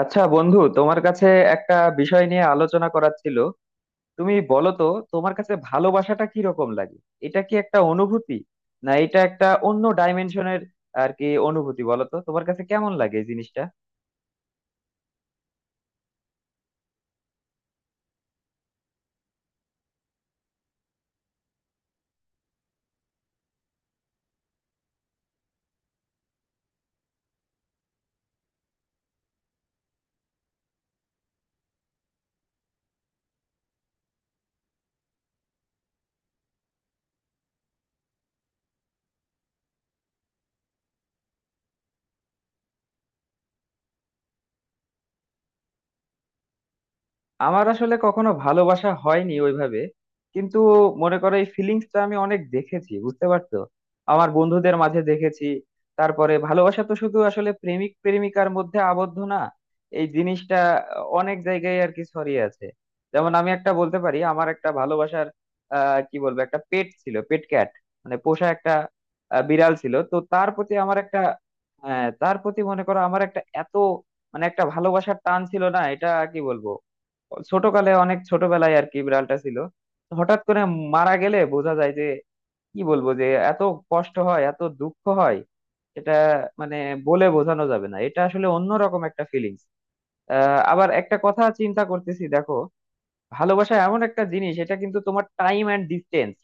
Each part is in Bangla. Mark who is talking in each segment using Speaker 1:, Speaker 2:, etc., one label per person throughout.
Speaker 1: আচ্ছা বন্ধু, তোমার কাছে একটা বিষয় নিয়ে আলোচনা করার ছিল। তুমি বলো তো, তোমার কাছে ভালোবাসাটা কি রকম লাগে? এটা কি একটা অনুভূতি না এটা একটা অন্য ডাইমেনশনের আর কি অনুভূতি? বলো তো তোমার কাছে কেমন লাগে এই জিনিসটা। আমার আসলে কখনো ভালোবাসা হয়নি ওইভাবে, কিন্তু মনে করো এই ফিলিংসটা আমি অনেক দেখেছি, বুঝতে পারছো? আমার বন্ধুদের মাঝে দেখেছি। তারপরে ভালোবাসা তো শুধু আসলে প্রেমিক প্রেমিকার মধ্যে আবদ্ধ না, এই জিনিসটা অনেক জায়গায় আর কি ছড়িয়ে আছে। যেমন আমি একটা বলতে পারি, আমার একটা ভালোবাসার কি বলবো একটা পেট ছিল, পেট ক্যাট মানে পোষা একটা বিড়াল ছিল, তো তার প্রতি আমার একটা তার প্রতি মনে করো আমার একটা এত মানে একটা ভালোবাসার টান ছিল না এটা? কি বলবো, ছোটকালে অনেক ছোটবেলায় আর কি বিড়ালটা ছিল, তো হঠাৎ করে মারা গেলে বোঝা যায় যে কি বলবো যে এত কষ্ট হয়, এত দুঃখ হয়। এটা মানে বলে বোঝানো যাবে না, এটা আসলে অন্যরকম একটা ফিলিংস। আবার একটা কথা চিন্তা করতেছি দেখো, ভালোবাসা এমন একটা জিনিস, এটা কিন্তু তোমার টাইম অ্যান্ড ডিস্টেন্স,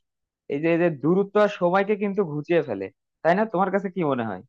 Speaker 1: এই যে যে দূরত্ব আর সময়কে কিন্তু ঘুচিয়ে ফেলে। তাই না, তোমার কাছে কি মনে হয়?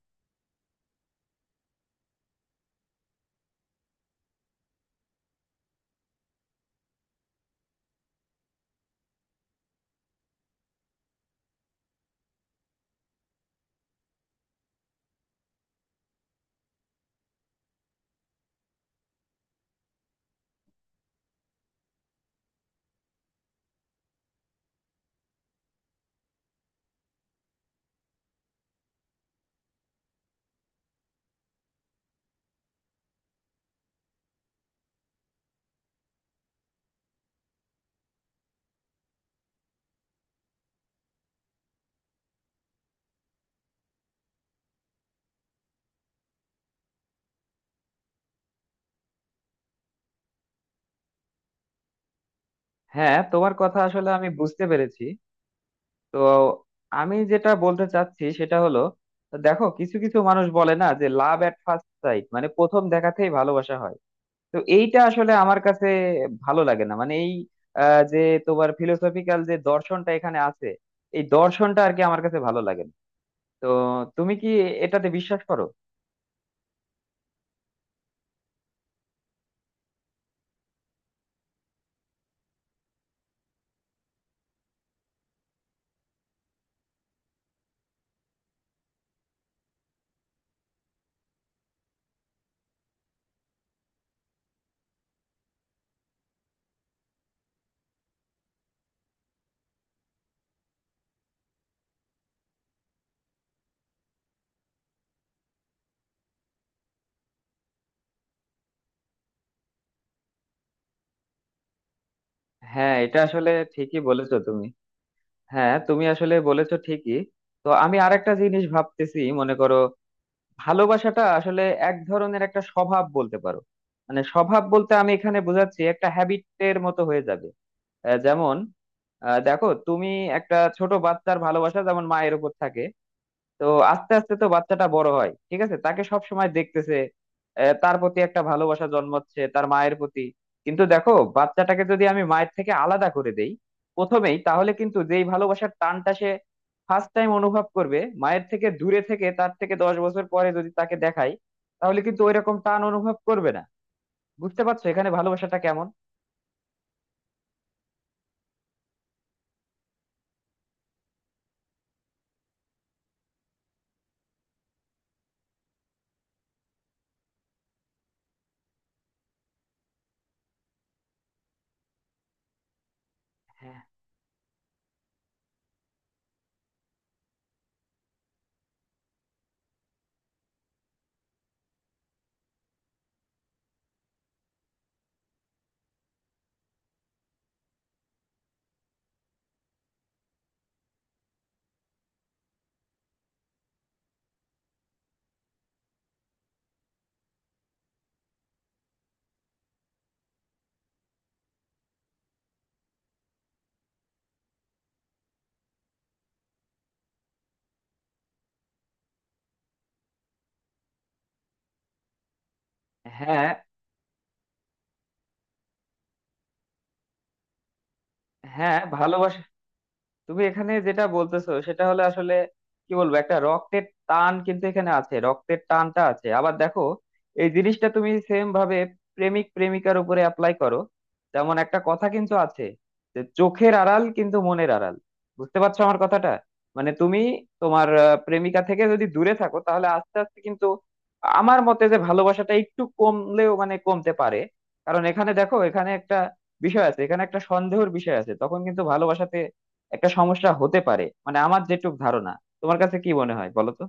Speaker 1: হ্যাঁ, তোমার কথা আসলে আমি বুঝতে পেরেছি। তো আমি যেটা বলতে চাচ্ছি সেটা হলো, দেখো কিছু কিছু মানুষ বলে না যে লাভ এট ফার্স্ট সাইট, মানে প্রথম দেখাতেই ভালোবাসা হয়। তো এইটা আসলে আমার কাছে ভালো লাগে না, মানে এই যে তোমার ফিলোসফিক্যাল যে দর্শনটা এখানে আছে, এই দর্শনটা আর কি আমার কাছে ভালো লাগে না। তো তুমি কি এটাতে বিশ্বাস করো? হ্যাঁ এটা আসলে ঠিকই বলেছো তুমি। হ্যাঁ তুমি আসলে বলেছো ঠিকই। তো আমি আরেকটা জিনিস ভাবতেছি, মনে করো ভালোবাসাটা আসলে এক ধরনের একটা স্বভাব বলতে পারো। মানে স্বভাব বলতে আমি এখানে বোঝাচ্ছি একটা হ্যাবিটের মতো হয়ে যাবে। যেমন দেখো তুমি, একটা ছোট বাচ্চার ভালোবাসা যেমন মায়ের উপর থাকে, তো আস্তে আস্তে তো বাচ্চাটা বড় হয়, ঠিক আছে, তাকে সব সময় দেখতেছে। তার প্রতি একটা ভালোবাসা জন্মাচ্ছে তার মায়ের প্রতি। কিন্তু দেখো বাচ্চাটাকে যদি আমি মায়ের থেকে আলাদা করে দেই প্রথমেই, তাহলে কিন্তু যেই ভালোবাসার টানটা সে ফার্স্ট টাইম অনুভব করবে মায়ের থেকে দূরে থেকে, তার থেকে 10 বছর পরে যদি তাকে দেখাই, তাহলে কিন্তু ওই রকম টান অনুভব করবে না। বুঝতে পারছো এখানে ভালোবাসাটা কেমন? হ্যাঁ, হ্যাঁ। হ্যাঁ ভালোবাসা, তুমি এখানে যেটা বলতেছো সেটা হলে আসলে কি বলবো, একটা রক্তের টান কিন্তু এখানে আছে, রক্তের টানটা আছে। আবার দেখো এই জিনিসটা তুমি সেম ভাবে প্রেমিক প্রেমিকার উপরে অ্যাপ্লাই করো। যেমন একটা কথা কিন্তু আছে যে চোখের আড়াল কিন্তু মনের আড়াল। বুঝতে পারছো আমার কথাটা? মানে তুমি তোমার প্রেমিকা থেকে যদি দূরে থাকো, তাহলে আস্তে আস্তে কিন্তু আমার মতে যে ভালোবাসাটা একটু কমলেও মানে কমতে পারে। কারণ এখানে দেখো, এখানে একটা বিষয় আছে, এখানে একটা সন্দেহের বিষয় আছে, তখন কিন্তু ভালোবাসাতে একটা সমস্যা হতে পারে, মানে আমার যেটুক ধারণা। তোমার কাছে কি মনে হয় বলো তো?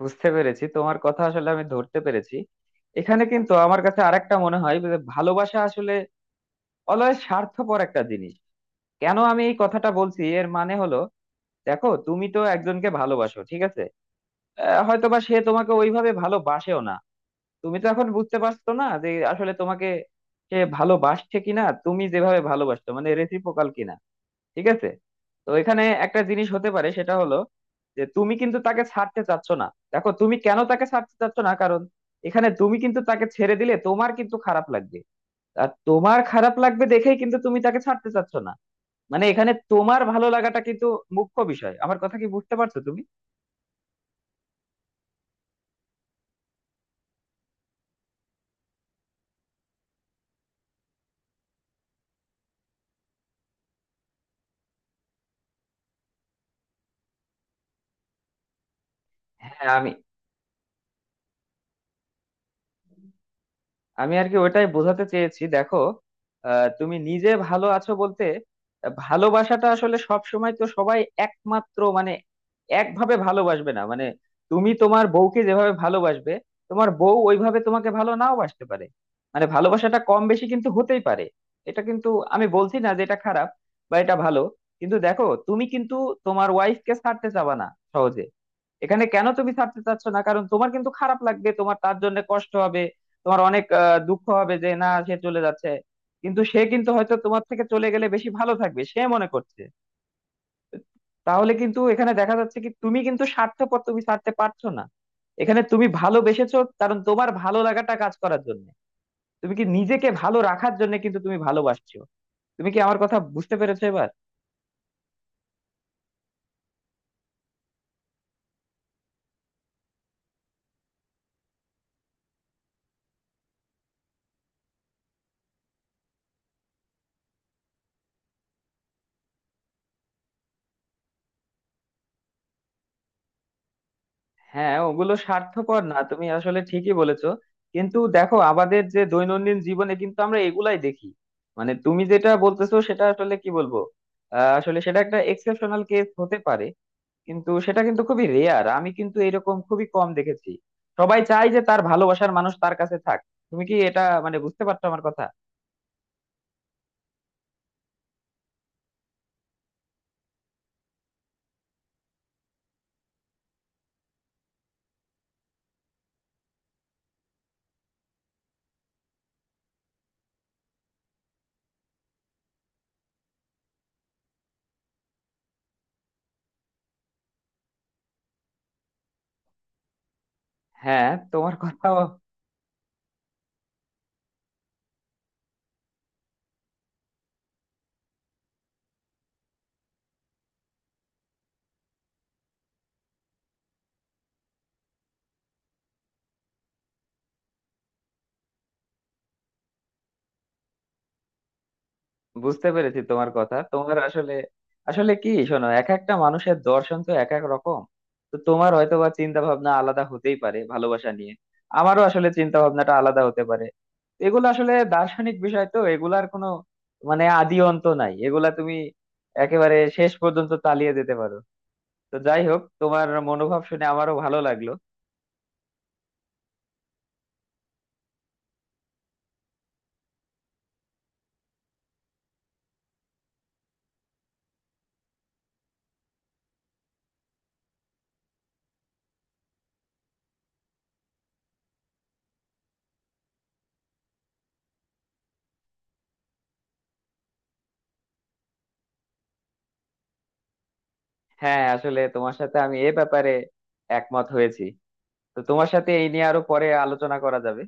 Speaker 1: বুঝতে পেরেছি তোমার কথা, আসলে আমি ধরতে পেরেছি। এখানে কিন্তু আমার কাছে আরেকটা মনে হয় যে ভালোবাসা আসলে অলয় স্বার্থপর একটা জিনিস। কেন আমি এই কথাটা বলছি, এর মানে হলো দেখো তুমি তো একজনকে ভালোবাসো, ঠিক আছে, হয়তোবা সে তোমাকে ওইভাবে ভালোবাসেও না। তুমি তো এখন বুঝতে পারছো না যে আসলে তোমাকে সে ভালোবাসছে কিনা, তুমি যেভাবে ভালোবাসছো মানে রেসিপ্রোকাল কিনা, ঠিক আছে। তো এখানে একটা জিনিস হতে পারে সেটা হলো যে তুমি কিন্তু তাকে ছাড়তে চাচ্ছ না। দেখো তুমি কেন তাকে ছাড়তে চাচ্ছ না, কারণ এখানে তুমি কিন্তু তাকে ছেড়ে দিলে তোমার কিন্তু খারাপ লাগবে, আর তোমার খারাপ লাগবে দেখেই কিন্তু তুমি তাকে ছাড়তে চাচ্ছ না। মানে এখানে তোমার ভালো লাগাটা কিন্তু মুখ্য বিষয়। আমার কথা কি বুঝতে পারছো তুমি? হ্যাঁ। আমি আমি আর কি ওইটাই বোঝাতে চেয়েছি। দেখো তুমি নিজে ভালো আছো বলতে ভালোবাসাটা আসলে সব সময় তো সবাই একমাত্র মানে একভাবে ভালোবাসবে না। মানে তুমি তোমার বউকে যেভাবে ভালোবাসবে তোমার বউ ওইভাবে তোমাকে ভালো নাও বাসতে পারে। মানে ভালোবাসাটা কম বেশি কিন্তু হতেই পারে। এটা কিন্তু, আমি বলছি না যে এটা খারাপ বা এটা ভালো, কিন্তু দেখো তুমি কিন্তু তোমার ওয়াইফকে ছাড়তে চাবা না সহজে। এখানে কেন তুমি ছাড়তে চাচ্ছ না, কারণ তোমার কিন্তু খারাপ লাগবে, তোমার তার জন্য কষ্ট হবে, তোমার অনেক দুঃখ হবে যে না, সে চলে যাচ্ছে। কিন্তু সে কিন্তু হয়তো তোমার থেকে চলে গেলে বেশি ভালো থাকবে সে মনে করছে। তাহলে কিন্তু এখানে দেখা যাচ্ছে কি, তুমি কিন্তু স্বার্থপর, তুমি ছাড়তে পারছো না। এখানে তুমি ভালোবেসেছো কারণ তোমার ভালো লাগাটা কাজ করার জন্য, তুমি কি নিজেকে ভালো রাখার জন্য কিন্তু তুমি ভালোবাসছো? তুমি কি আমার কথা বুঝতে পেরেছো এবার? হ্যাঁ ওগুলো স্বার্থপর না, তুমি আসলে ঠিকই বলেছো। কিন্তু দেখো আমাদের যে দৈনন্দিন জীবনে কিন্তু আমরা এগুলাই দেখি। মানে তুমি যেটা বলতেছো সেটা আসলে কি বলবো আসলে সেটা একটা এক্সেপশনাল কেস হতে পারে, কিন্তু সেটা কিন্তু খুবই রেয়ার, আমি কিন্তু এরকম খুবই কম দেখেছি। সবাই চায় যে তার ভালোবাসার মানুষ তার কাছে থাক। তুমি কি এটা মানে বুঝতে পারছো আমার কথা? হ্যাঁ তোমার কথা বুঝতে পেরেছি, তোমার কথা তোমার আসলে আসলে কি শোনো, এক একটা মানুষের দর্শন তো এক এক রকম। তো তোমার হয়তো বা চিন্তা ভাবনা আলাদা হতেই পারে ভালোবাসা নিয়ে, আমারও আসলে চিন্তা ভাবনাটা আলাদা হতে পারে। এগুলো আসলে দার্শনিক বিষয়, তো এগুলার কোনো মানে আদি অন্ত নাই, এগুলা তুমি একেবারে শেষ পর্যন্ত চালিয়ে যেতে পারো। তো যাই হোক, তোমার মনোভাব শুনে আমারও ভালো লাগলো। হ্যাঁ আসলে তোমার সাথে আমি এ ব্যাপারে একমত হয়েছি। তো তোমার সাথে এই নিয়ে আরো পরে আলোচনা করা যাবে।